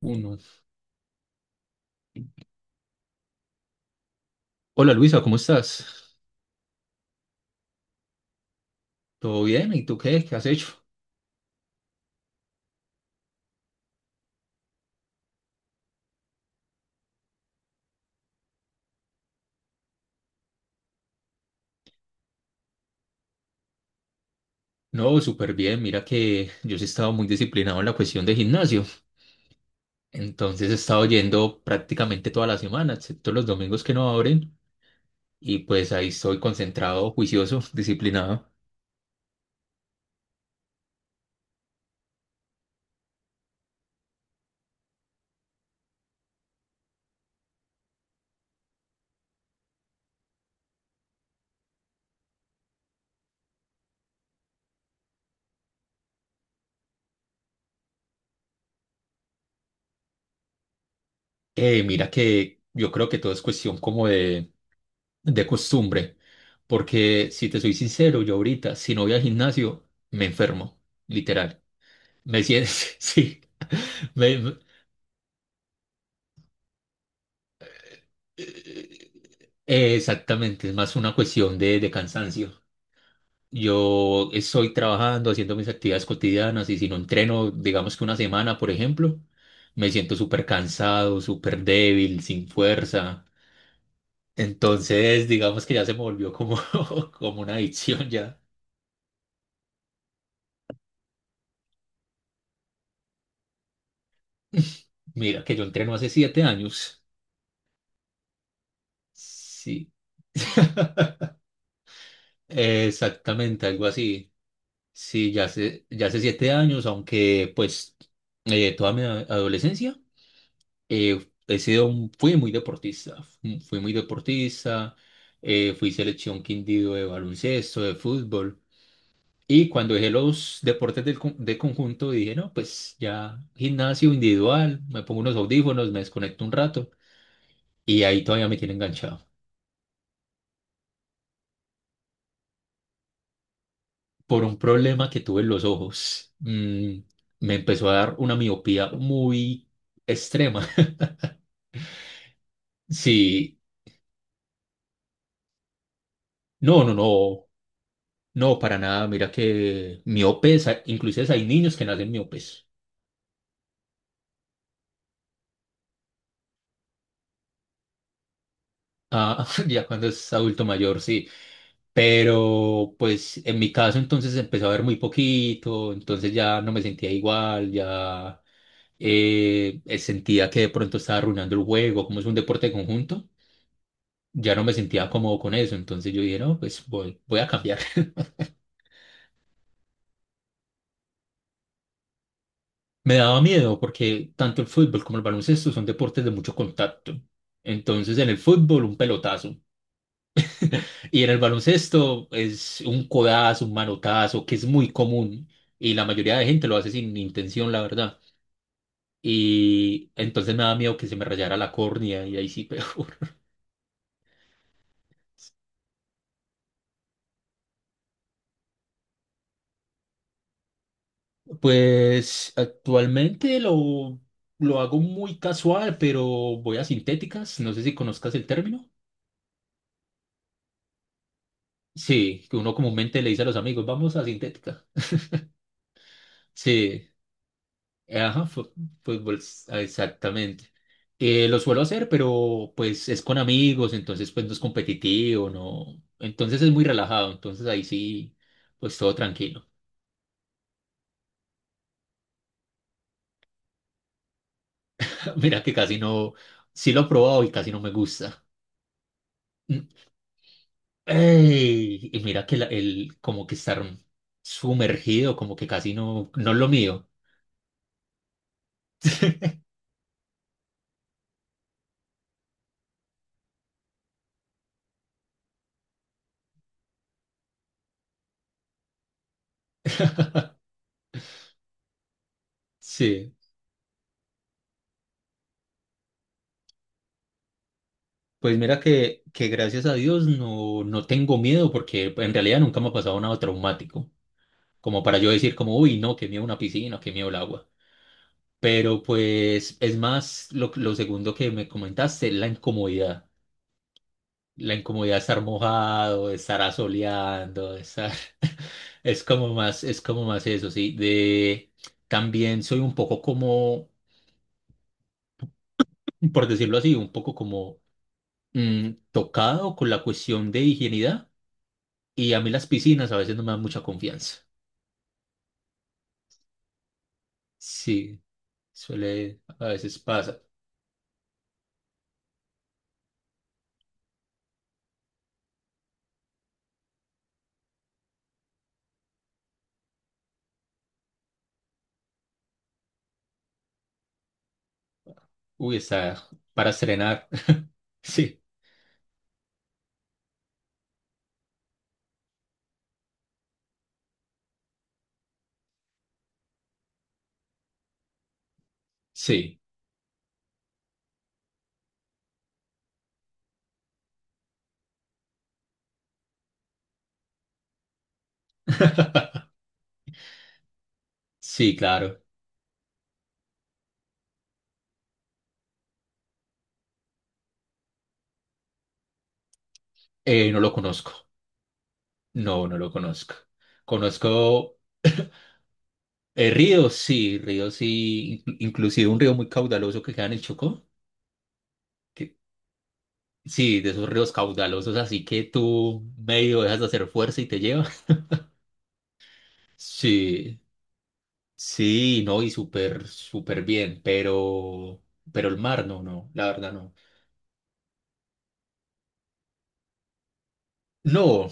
Uno. Hola Luisa, ¿cómo estás? ¿Todo bien? ¿Y tú qué? ¿Qué has hecho? No, súper bien. Mira que yo sí he estado muy disciplinado en la cuestión de gimnasio. Entonces he estado yendo prácticamente toda la semana, excepto los domingos que no abren. Y pues ahí estoy concentrado, juicioso, disciplinado. Mira que yo creo que todo es cuestión como de costumbre. Porque si te soy sincero, yo ahorita, si no voy al gimnasio, me enfermo, literal. Me siento, sí. Me, Exactamente, es más una cuestión de cansancio. Yo estoy trabajando, haciendo mis actividades cotidianas y si no entreno, digamos que una semana, por ejemplo, me siento súper cansado, súper débil, sin fuerza. Entonces, digamos que ya se me volvió como, como una adicción ya. Mira, que yo entreno hace 7 años. Sí, exactamente, algo así. Sí, ya hace 7 años, aunque pues toda mi adolescencia. He sido, fui muy deportista, fui selección Quindío de baloncesto, de fútbol, y cuando dejé los deportes de conjunto dije, no, pues ya gimnasio individual, me pongo unos audífonos, me desconecto un rato, y ahí todavía me tiene enganchado. Por un problema que tuve en los ojos, me empezó a dar una miopía muy extrema. Sí, no, no, no. No, para nada. Mira que miopes, inclusive hay niños que nacen miopes. Ah, ya cuando es adulto mayor, sí. Pero pues en mi caso entonces empezó a ver muy poquito, entonces ya no me sentía igual, ya sentía que de pronto estaba arruinando el juego, como es un deporte de conjunto, ya no me sentía cómodo con eso, entonces yo dije, no, pues voy, a cambiar. Me daba miedo porque tanto el fútbol como el baloncesto son deportes de mucho contacto. Entonces en el fútbol un pelotazo. Y en el baloncesto es un codazo, un manotazo, que es muy común y la mayoría de gente lo hace sin intención, la verdad. Y entonces me da miedo que se me rayara la córnea y ahí sí peor. Pues actualmente lo hago muy casual, pero voy a sintéticas, no sé si conozcas el término. Sí, que uno comúnmente le dice a los amigos, vamos a sintética. Sí. Ajá, fútbol, ah, exactamente. Lo suelo hacer, pero pues es con amigos, entonces pues no es competitivo, no. Entonces es muy relajado, entonces ahí sí, pues todo tranquilo. Mira que casi no, sí lo he probado y casi no me gusta. Mm, ey, y mira que el como que estar sumergido, como que casi no, no es lo mío. Sí, pues mira que gracias a Dios no, no tengo miedo porque en realidad nunca me ha pasado nada traumático. Como para yo decir como, uy, no, qué miedo una piscina, qué miedo el agua. Pero pues es más lo segundo que me comentaste, la incomodidad. La incomodidad de estar mojado, de estar asoleando, de estar. Es como más eso, sí. De. También soy un poco como, por decirlo así, un poco como tocado con la cuestión de higienidad. Y a mí las piscinas a veces no me dan mucha confianza. Sí, suele, a veces pasa. Uy, esa para estrenar. Sí, sí. Sí, claro. No lo conozco. No, no lo conozco. Conozco ríos, sí, ríos, sí. Inclusive un río muy caudaloso que queda en el Chocó. que- sí, de esos ríos caudalosos, así que tú medio dejas de hacer fuerza y te lleva. Sí, sí, no, y súper, súper bien, pero el mar, no, no, la verdad no. No.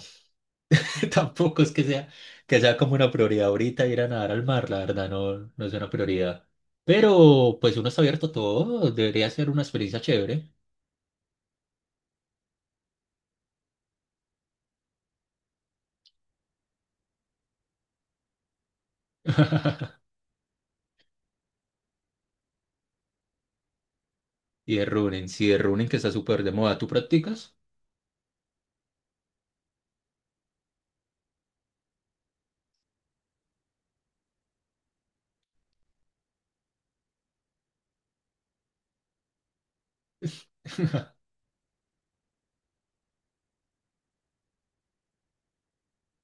Tampoco es que sea, como una prioridad ahorita ir a nadar al mar, la verdad, no, no es una prioridad. Pero pues uno está abierto a todo, debería ser una experiencia chévere. Y de running, sí, de running que está súper de moda, ¿tú practicas?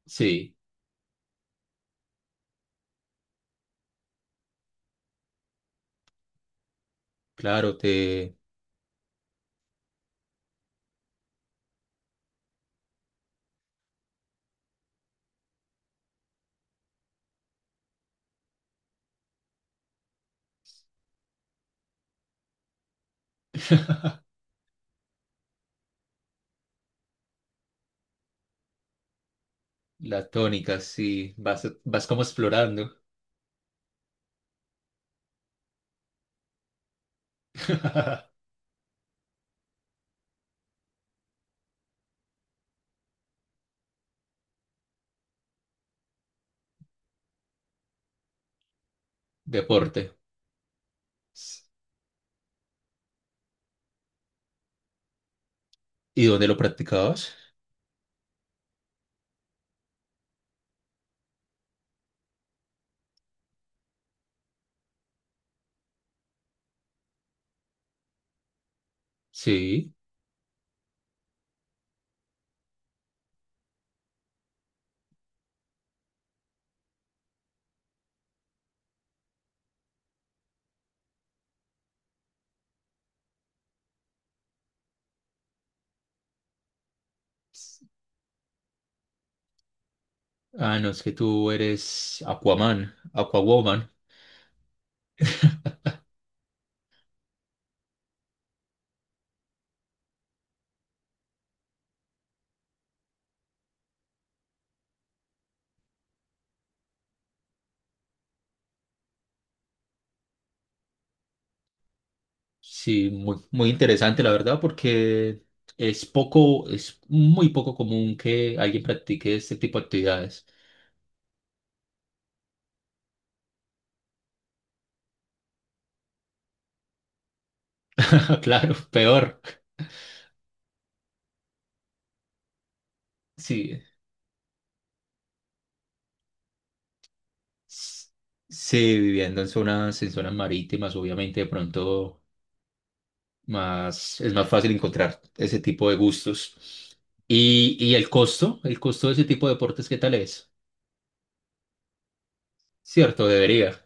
Sí, claro, te la tónica, sí, vas como explorando deporte. S- ¿Y dónde lo practicabas? Sí. S- Ah, no, es que tú eres Aquaman, Aquawoman. Sí, muy, muy interesante, la verdad, porque es poco, es muy poco común que alguien practique este tipo de actividades. Claro, peor. Sí, s- sí, viviendo en zonas, marítimas, obviamente, de pronto más, es más fácil encontrar ese tipo de gustos. Y el costo de ese tipo de deportes, ¿qué tal es? Cierto, debería.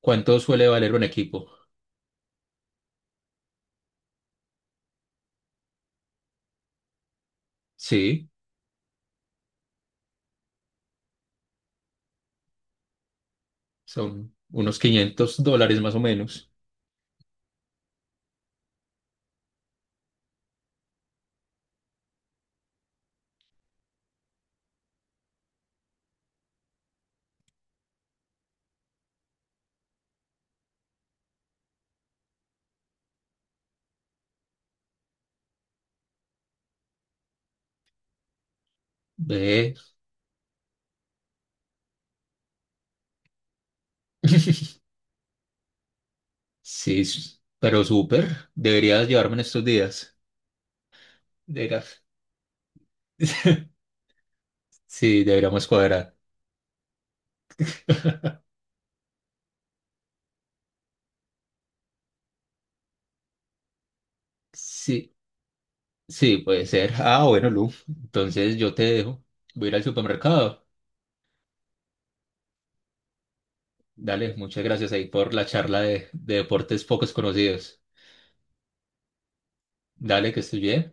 ¿Cuánto suele valer un equipo? Sí, son unos $500 más o menos. Ve. Sí, pero súper. Deberías llevarme en estos días. Deberías. Sí, deberíamos cuadrar. Sí, sí, puede ser. Ah, bueno, Lu. Entonces yo te dejo. Voy a ir al supermercado. Dale, muchas gracias ahí por la charla de deportes pocos conocidos. Dale, que estés bien.